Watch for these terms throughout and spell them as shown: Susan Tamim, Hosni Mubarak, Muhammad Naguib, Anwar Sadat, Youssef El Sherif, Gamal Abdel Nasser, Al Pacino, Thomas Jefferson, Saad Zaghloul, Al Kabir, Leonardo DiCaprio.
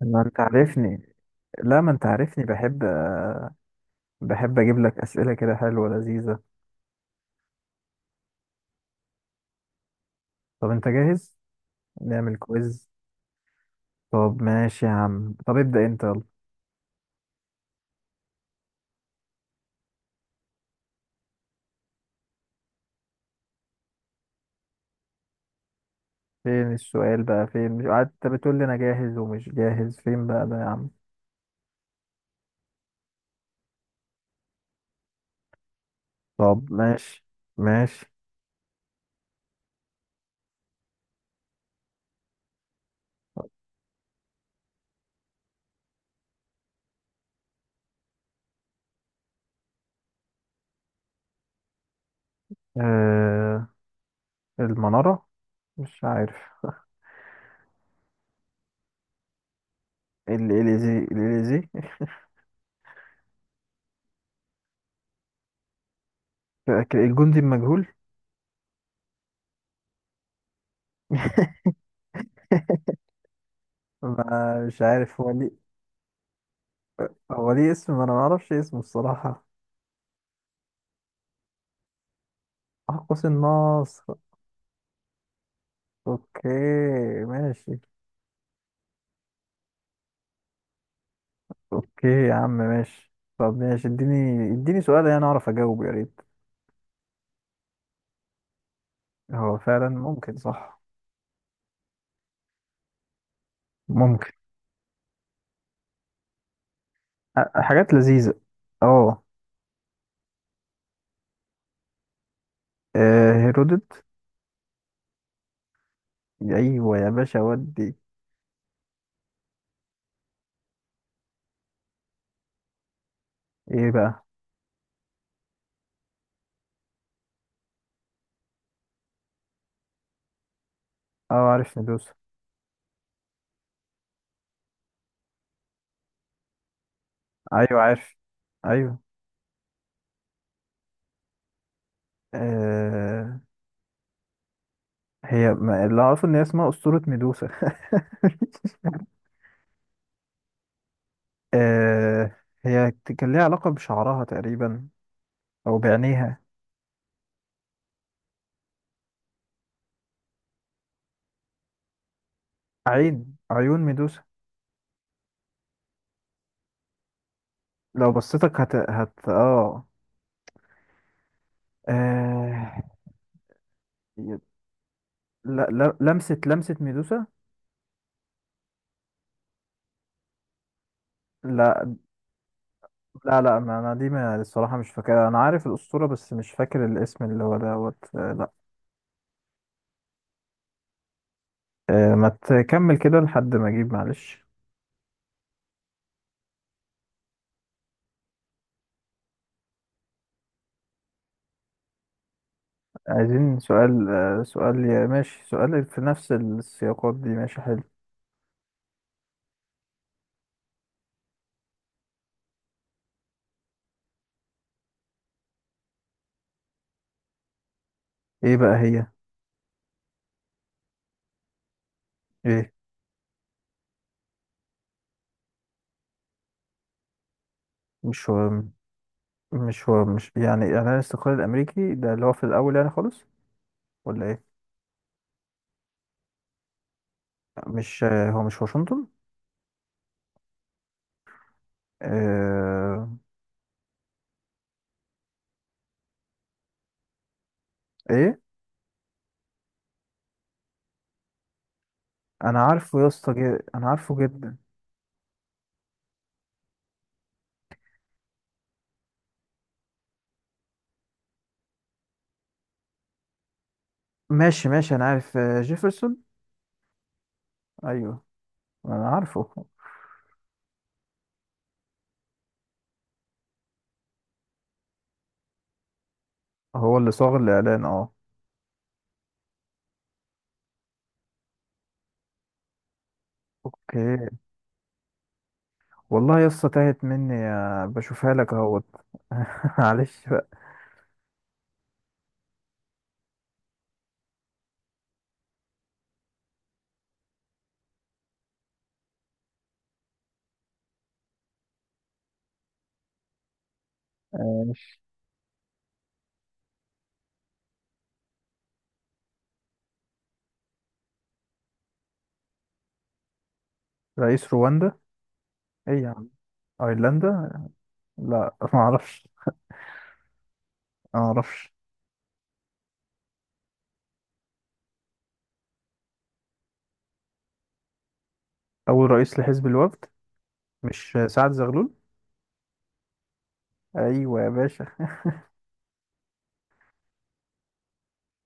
ما انت عارفني ما انت عارفني، بحب اجيب لك اسئله كده حلوه لذيذه. طب انت جاهز؟ نعمل كويز؟ طب ماشي يا عم، طب ابدا انت، يلا. فين السؤال بقى، فين؟ مش قعدت بتقول لي انا جاهز ومش جاهز؟ فين بقى ده يا عم؟ طب ماشي، ماشي. آه، المناره، مش عارف. الاليزي، الاليزي. فاكر الجندي المجهول؟ ما مش عارف هو ليه. هو ليه اسم؟ ما انا ما اعرفش اسمه الصراحه. قوس النصر. اوكي، ماشي. اوكي يا عم، ماشي. طب ماشي، اديني سؤال انا اعرف اجاوبه يا ريت. هو فعلا ممكن، صح. ممكن. حاجات لذيذة. اه. آه، هيرودوت. ايوه يا باشا، ودي. ايه بقى؟ اه، عارف، ندوس. ايوه، عارف، ايوه. آه، هي، ما اللي اعرفه ان هي اسمها اسطورة ميدوسا. آه، هي كان ليها علاقة بشعرها تقريبا، او بعينيها. عيون ميدوسا. لو بصيتك، هت هت اه آه، ي- لا، لا، لمسة ميدوسا. لا، لا، لا، ما انا دي، ما الصراحة مش فاكرها، انا عارف الأسطورة بس مش فاكر الاسم اللي هو دوت، آه، لا. آه، ما تكمل كده لحد ما اجيب، معلش. عايزين سؤال، يا ماشي، سؤال في نفس السياقات دي، ماشي، حلو. ايه بقى هي؟ ايه؟ مش هو مش هو مش يعني اعلان الاستقلال الامريكي ده اللي هو في الاول يعني، خالص؟ ولا ايه؟ مش آه، هو مش واشنطن؟ آه، ايه؟ انا عارفه يا اسطى، جد- انا عارفه جدا. ماشي، ماشي، انا عارف، آه، جيفرسون. ايوه، انا عارفه. هو اللي صاغ الاعلان، اه. اوكي. والله يا اسطى تاهت مني، آه، بشوفها لك اهوت. معلش بقى. آه، رئيس رواندا؟ ايه يا عم؟ ايرلندا. لا. ما اعرفش، ما اعرفش. اول رئيس لحزب الوفد، مش آه، سعد زغلول؟ ايوه يا باشا.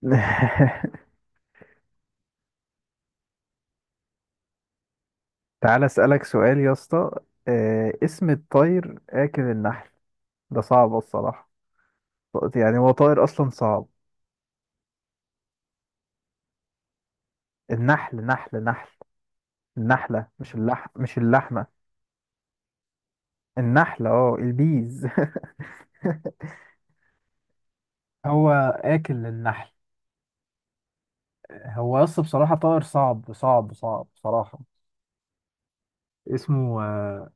تعال اسالك سؤال يا اسطى. آه، اسم الطير اكل النحل؟ ده صعب الصراحه. يعني هو طائر اصلا صعب. النحل، نحل، النحله، مش اللحمه. النحله، اه، البيز. هو اكل النحل. هو يس، بصراحة طائر صعب، صعب، صعب، بصراحة. اسمه آه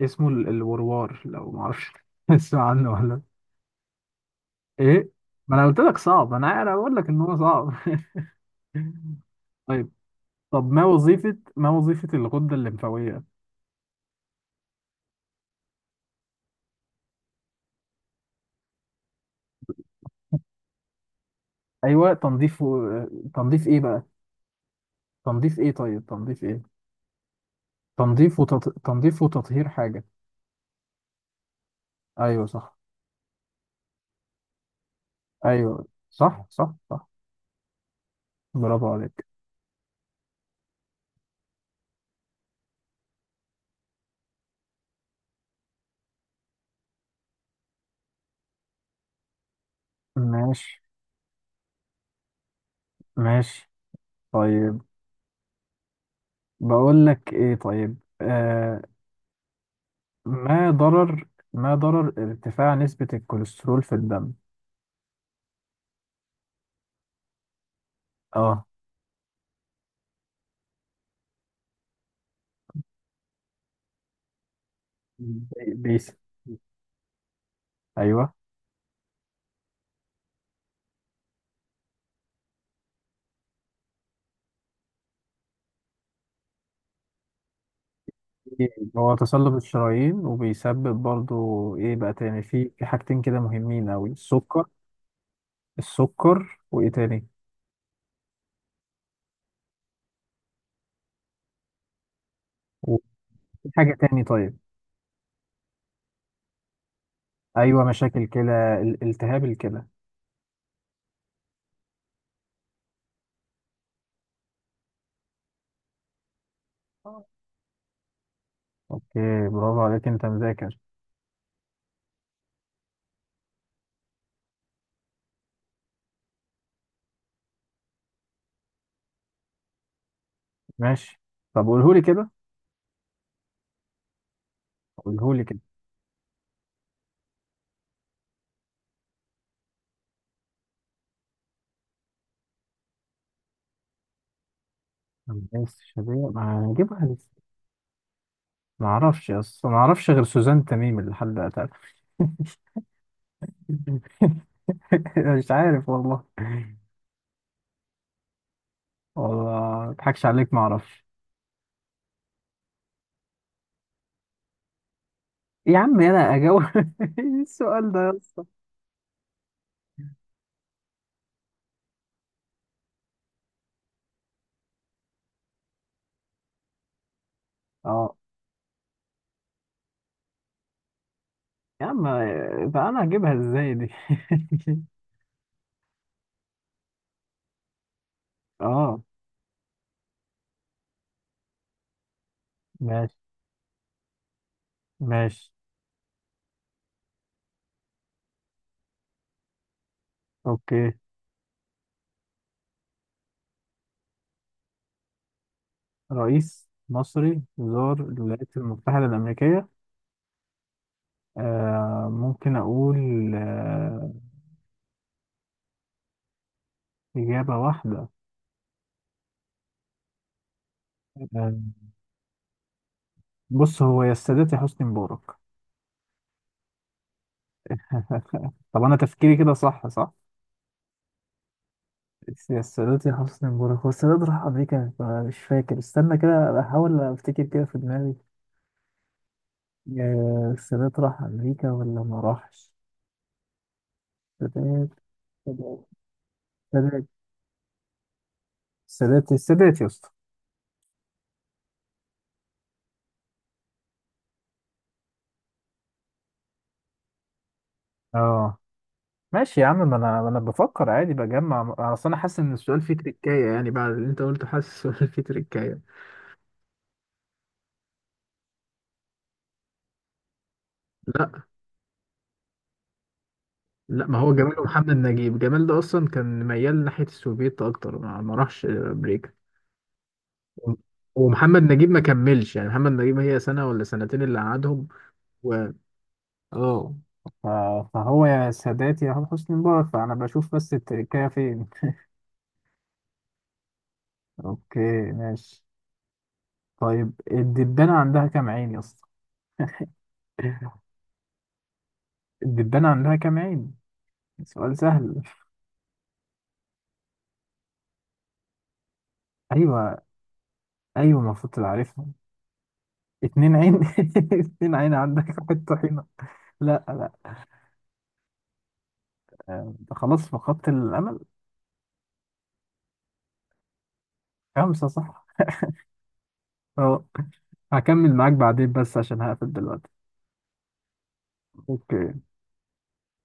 اسمه الوروار، لو معرفش. اسمع عنه ولا ايه؟ ما انا قلت لك صعب، انا بقول لك ان هو صعب. طيب. طب، ما وظيفة الغدة الليمفاوية؟ ايوه، تنظيف تنظيف ايه بقى؟ تنظيف ايه؟ طيب، تنظيف ايه؟ تنظيف وتطهير حاجة. أيوه، صح. أيوه، صح، صح، صح. برافو عليك. ماشي، ماشي، طيب. بقول لك إيه؟ طيب. آه. ما ضرر ما ضرر ارتفاع نسبة الكوليسترول في الدم؟ اه، بيس. أيوه. هو تصلب الشرايين، وبيسبب برضو إيه بقى تاني؟ في حاجتين كده مهمين أوي، السكر. السكر وإيه تاني؟ وفي حاجة تاني؟ طيب. أيوه، مشاكل كلى، التهاب الكلى. اوكي. برافو عليك، انت مذاكر. ماشي. طب قولهولي كده، قولهولي كده. الناس شبيه، ما هنجيبها لسه. ما اعرفش اصلا، ما اعرفش غير سوزان تميم اللي حد قتلها. مش عارف والله. والله ما اضحكش عليك، ما اعرفش. يا عم انا اجاوب. إيه السؤال ده يا اسطى؟ اه. يا عم، بقى انا هجيبها ازاي دي؟ اه، ماشي، ماشي، اوكي. رئيس مصري زار الولايات المتحدة الأمريكية؟ آه، ممكن أقول. آه. إجابة واحدة؟ آه، بص، هو يا السادات يا حسني مبارك. طب أنا تفكيري كده، صح؟ صح؟ يا السادات يا حسني مبارك. هو السادات راح أمريكا؟ مش فاكر، استنى كده أحاول أفتكر كده في دماغي. آه، السادات راح أمريكا ولا ما راحش؟ السادات. السادات. السادات. السادات. السادات يا اسطى. اه، ماشي يا عم، ما انا بفكر عادي، بجمع. اصل انا حاسس ان السؤال فيه تريكايه، يعني بعد اللي انت قلته حاسس السؤال فيه تريكايه. لا، لا. ما هو جمال ومحمد نجيب، جمال ده اصلا كان ميال ناحيه السوفيت اكتر، ما راحش امريكا. و- ومحمد نجيب ما كملش، يعني محمد نجيب، هي سنه ولا سنتين اللي قعدهم. و اه ف- فهو يا سادات يا حسني مبارك، فأنا بشوف بس التركية فين. أوكي، ماشي. طيب، الدبانة عندها كام عين يا اسطى؟ الدبانة عندها كام عين؟ سؤال سهل. أيوة، أيوة، المفروض تبقى عارفها. اتنين عين؟ اتنين عين؟ عندك واحد طحينة. لا، لا، أنت خلاص فقدت الأمل. خمسة، صح. أه. هكمل معاك بعدين بس عشان هقفل دلوقتي. أوكي.